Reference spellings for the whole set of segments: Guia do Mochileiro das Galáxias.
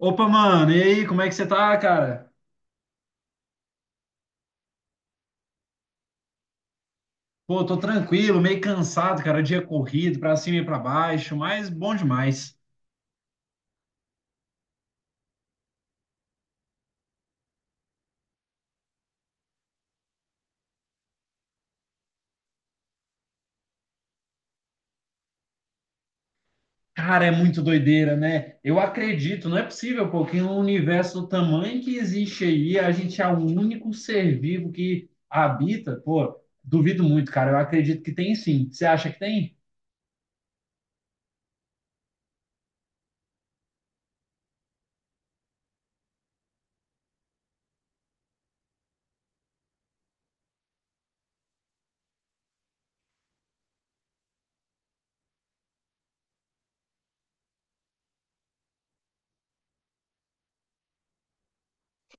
Opa, mano, e aí, como é que você tá, cara? Pô, tô tranquilo, meio cansado, cara, dia corrido, pra cima e pra baixo, mas bom demais. Cara, é muito doideira, né? Eu acredito, não é possível, pô, que no universo do tamanho que existe aí, a gente é o único ser vivo que habita, pô, duvido muito, cara, eu acredito que tem sim. Você acha que tem?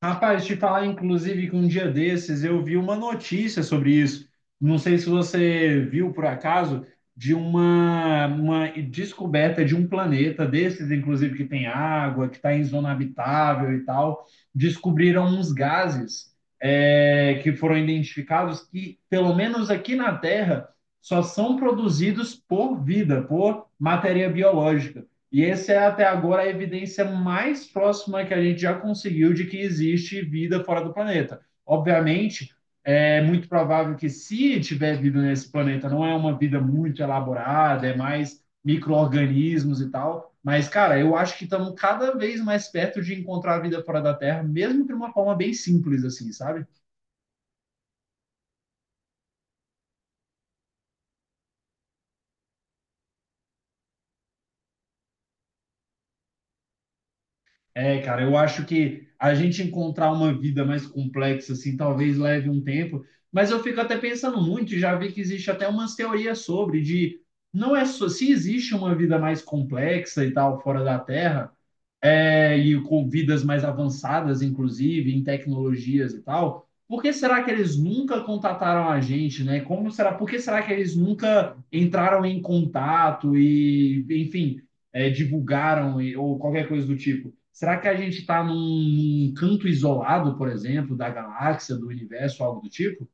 Rapaz, te falar, inclusive, que um dia desses eu vi uma notícia sobre isso. Não sei se você viu por acaso, de uma descoberta de um planeta desses, inclusive, que tem água, que está em zona habitável e tal. Descobriram uns gases, que foram identificados que, pelo menos aqui na Terra, só são produzidos por vida, por matéria biológica. E essa é até agora a evidência mais próxima que a gente já conseguiu de que existe vida fora do planeta. Obviamente, é muito provável que se tiver vida nesse planeta, não é uma vida muito elaborada, é mais micro-organismos e tal. Mas, cara, eu acho que estamos cada vez mais perto de encontrar vida fora da Terra, mesmo de uma forma bem simples, assim, sabe? É, cara, eu acho que a gente encontrar uma vida mais complexa, assim, talvez leve um tempo, mas eu fico até pensando muito, e já vi que existe até umas teorias sobre, de não é só, se existe uma vida mais complexa e tal, fora da Terra, e com vidas mais avançadas, inclusive, em tecnologias e tal, por que será que eles nunca contataram a gente, né? Como será, por que será que eles nunca entraram em contato e, enfim divulgaram ou qualquer coisa do tipo. Será que a gente está num canto isolado, por exemplo, da galáxia, do universo, algo do tipo?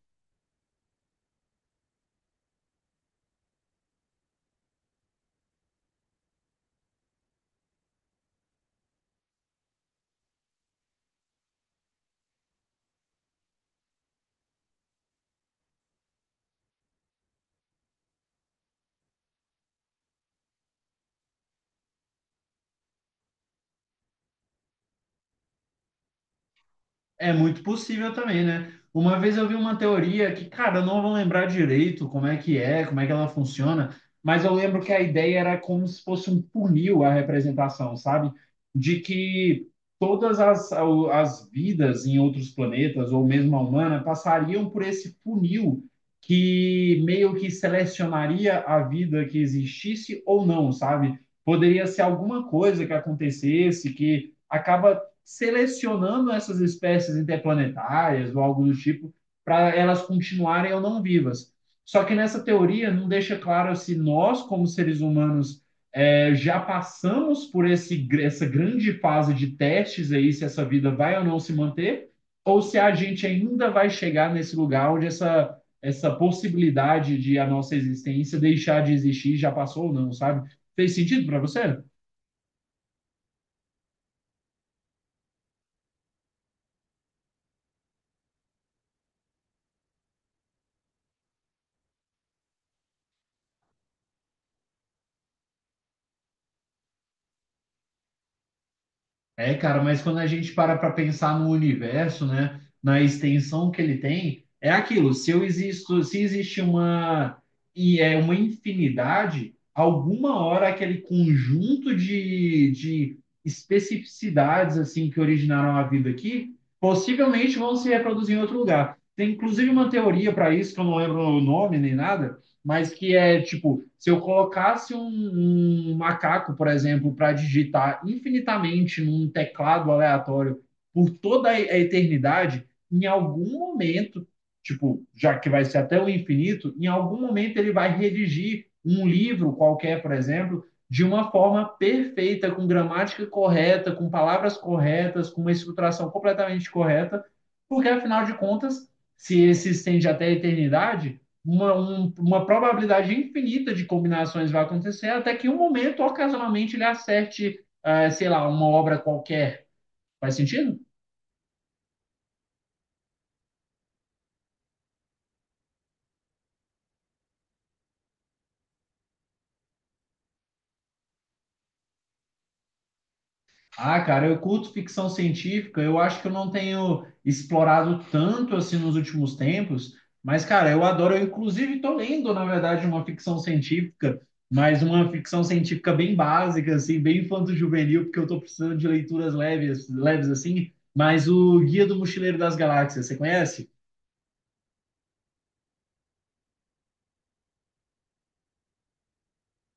É muito possível também, né? Uma vez eu vi uma teoria que, cara, eu não vou lembrar direito como é que é, como é que ela funciona, mas eu lembro que a ideia era como se fosse um funil a representação, sabe? De que todas as vidas em outros planetas, ou mesmo a humana, passariam por esse funil que meio que selecionaria a vida que existisse ou não, sabe? Poderia ser alguma coisa que acontecesse que acaba selecionando essas espécies interplanetárias ou algo do tipo para elas continuarem ou não vivas. Só que nessa teoria não deixa claro se nós, como seres humanos, já passamos por essa grande fase de testes aí, se essa vida vai ou não se manter, ou se a gente ainda vai chegar nesse lugar onde essa possibilidade de a nossa existência deixar de existir já passou ou não, sabe? Fez sentido para você? É, cara, mas quando a gente para para pensar no universo, né, na extensão que ele tem, é aquilo. Se eu existo, se existe uma e é uma infinidade, alguma hora aquele conjunto de especificidades assim que originaram a vida aqui, possivelmente vão se reproduzir em outro lugar. Tem inclusive uma teoria para isso que eu não lembro o nome nem nada, mas que é tipo, se eu colocasse um, um macaco, por exemplo, para digitar infinitamente num teclado aleatório por toda a eternidade, em algum momento, tipo, já que vai ser até o infinito, em algum momento ele vai redigir um livro qualquer, por exemplo, de uma forma perfeita, com gramática correta, com palavras corretas, com uma estruturação completamente correta, porque afinal de contas, se ele se estende até a eternidade, uma probabilidade infinita de combinações vai acontecer, até que em um momento, ocasionalmente, ele acerte, ah, sei lá, uma obra qualquer. Faz sentido? Ah, cara, eu curto ficção científica, eu acho que eu não tenho explorado tanto assim nos últimos tempos, mas, cara, eu adoro, eu inclusive estou lendo, na verdade, uma ficção científica, mas uma ficção científica bem básica, assim, bem infanto-juvenil, porque eu estou precisando de leituras leves, leves assim, mas o Guia do Mochileiro das Galáxias, você conhece?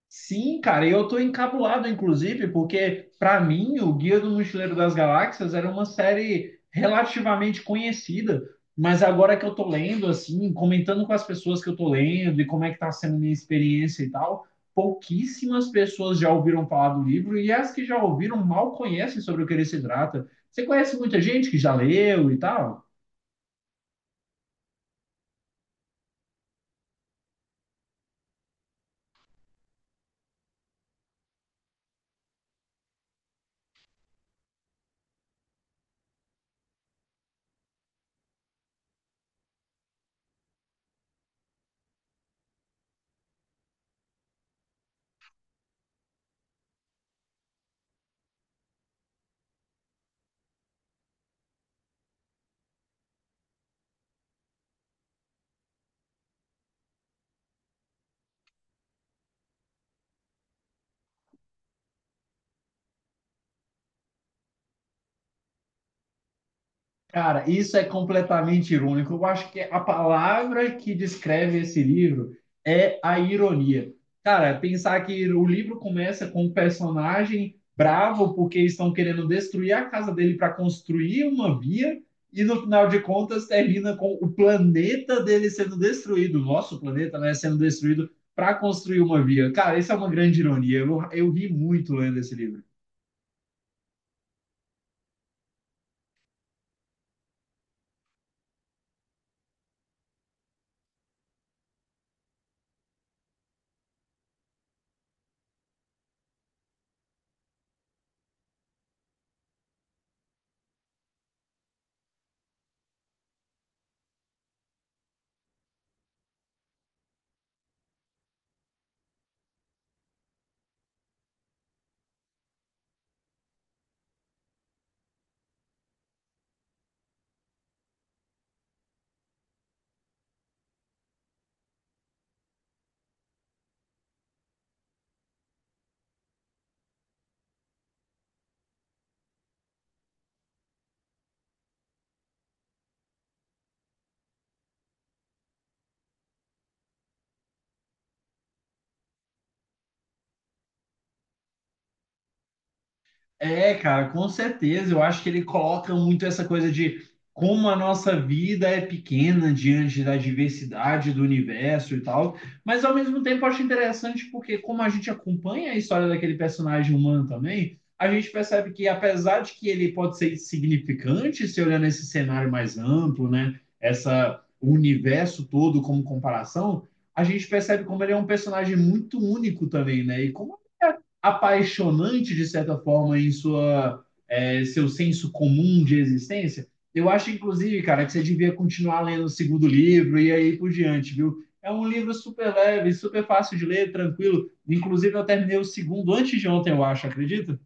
Sim, cara, e eu tô encabulado, inclusive, porque para mim o Guia do Mochileiro das Galáxias era uma série relativamente conhecida, mas agora que eu tô lendo, assim, comentando com as pessoas que eu tô lendo e como é que tá sendo a minha experiência e tal, pouquíssimas pessoas já ouviram falar do livro e as que já ouviram mal conhecem sobre o que ele se trata. Você conhece muita gente que já leu e tal? Cara, isso é completamente irônico. Eu acho que a palavra que descreve esse livro é a ironia. Cara, pensar que o livro começa com um personagem bravo porque estão querendo destruir a casa dele para construir uma via e no final de contas termina com o planeta dele sendo destruído, o nosso planeta, né, sendo destruído para construir uma via. Cara, isso é uma grande ironia. Eu ri muito lendo esse livro. É, cara, com certeza. Eu acho que ele coloca muito essa coisa de como a nossa vida é pequena diante da diversidade do universo e tal. Mas ao mesmo tempo eu acho interessante porque como a gente acompanha a história daquele personagem humano também, a gente percebe que apesar de que ele pode ser insignificante se olhar nesse cenário mais amplo, né? Essa o universo todo como comparação, a gente percebe como ele é um personagem muito único também, né? E como é apaixonante, de certa forma, em sua, seu senso comum de existência. Eu acho, inclusive, cara, que você devia continuar lendo o segundo livro e aí por diante, viu? É um livro super leve, super fácil de ler, tranquilo. Inclusive, eu terminei o segundo antes de ontem, eu acho, acredita?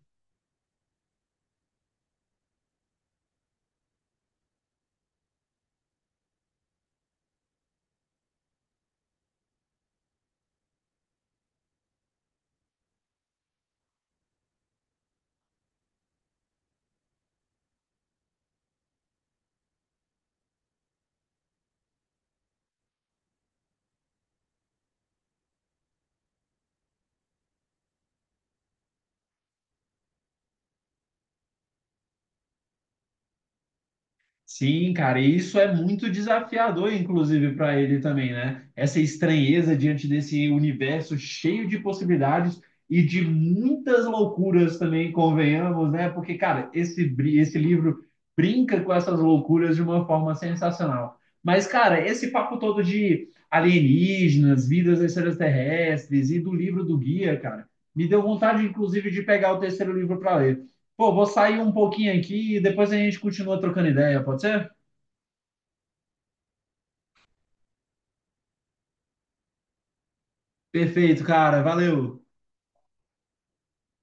Sim, cara, e isso é muito desafiador, inclusive, para ele também, né? Essa estranheza diante desse universo cheio de possibilidades e de muitas loucuras também, convenhamos, né? Porque, cara, esse, esse livro brinca com essas loucuras de uma forma sensacional. Mas, cara, esse papo todo de alienígenas, vidas extraterrestres e do livro do guia, cara, me deu vontade, inclusive, de pegar o terceiro livro para ler. Pô, vou sair um pouquinho aqui e depois a gente continua trocando ideia, pode ser? Perfeito, cara. Valeu.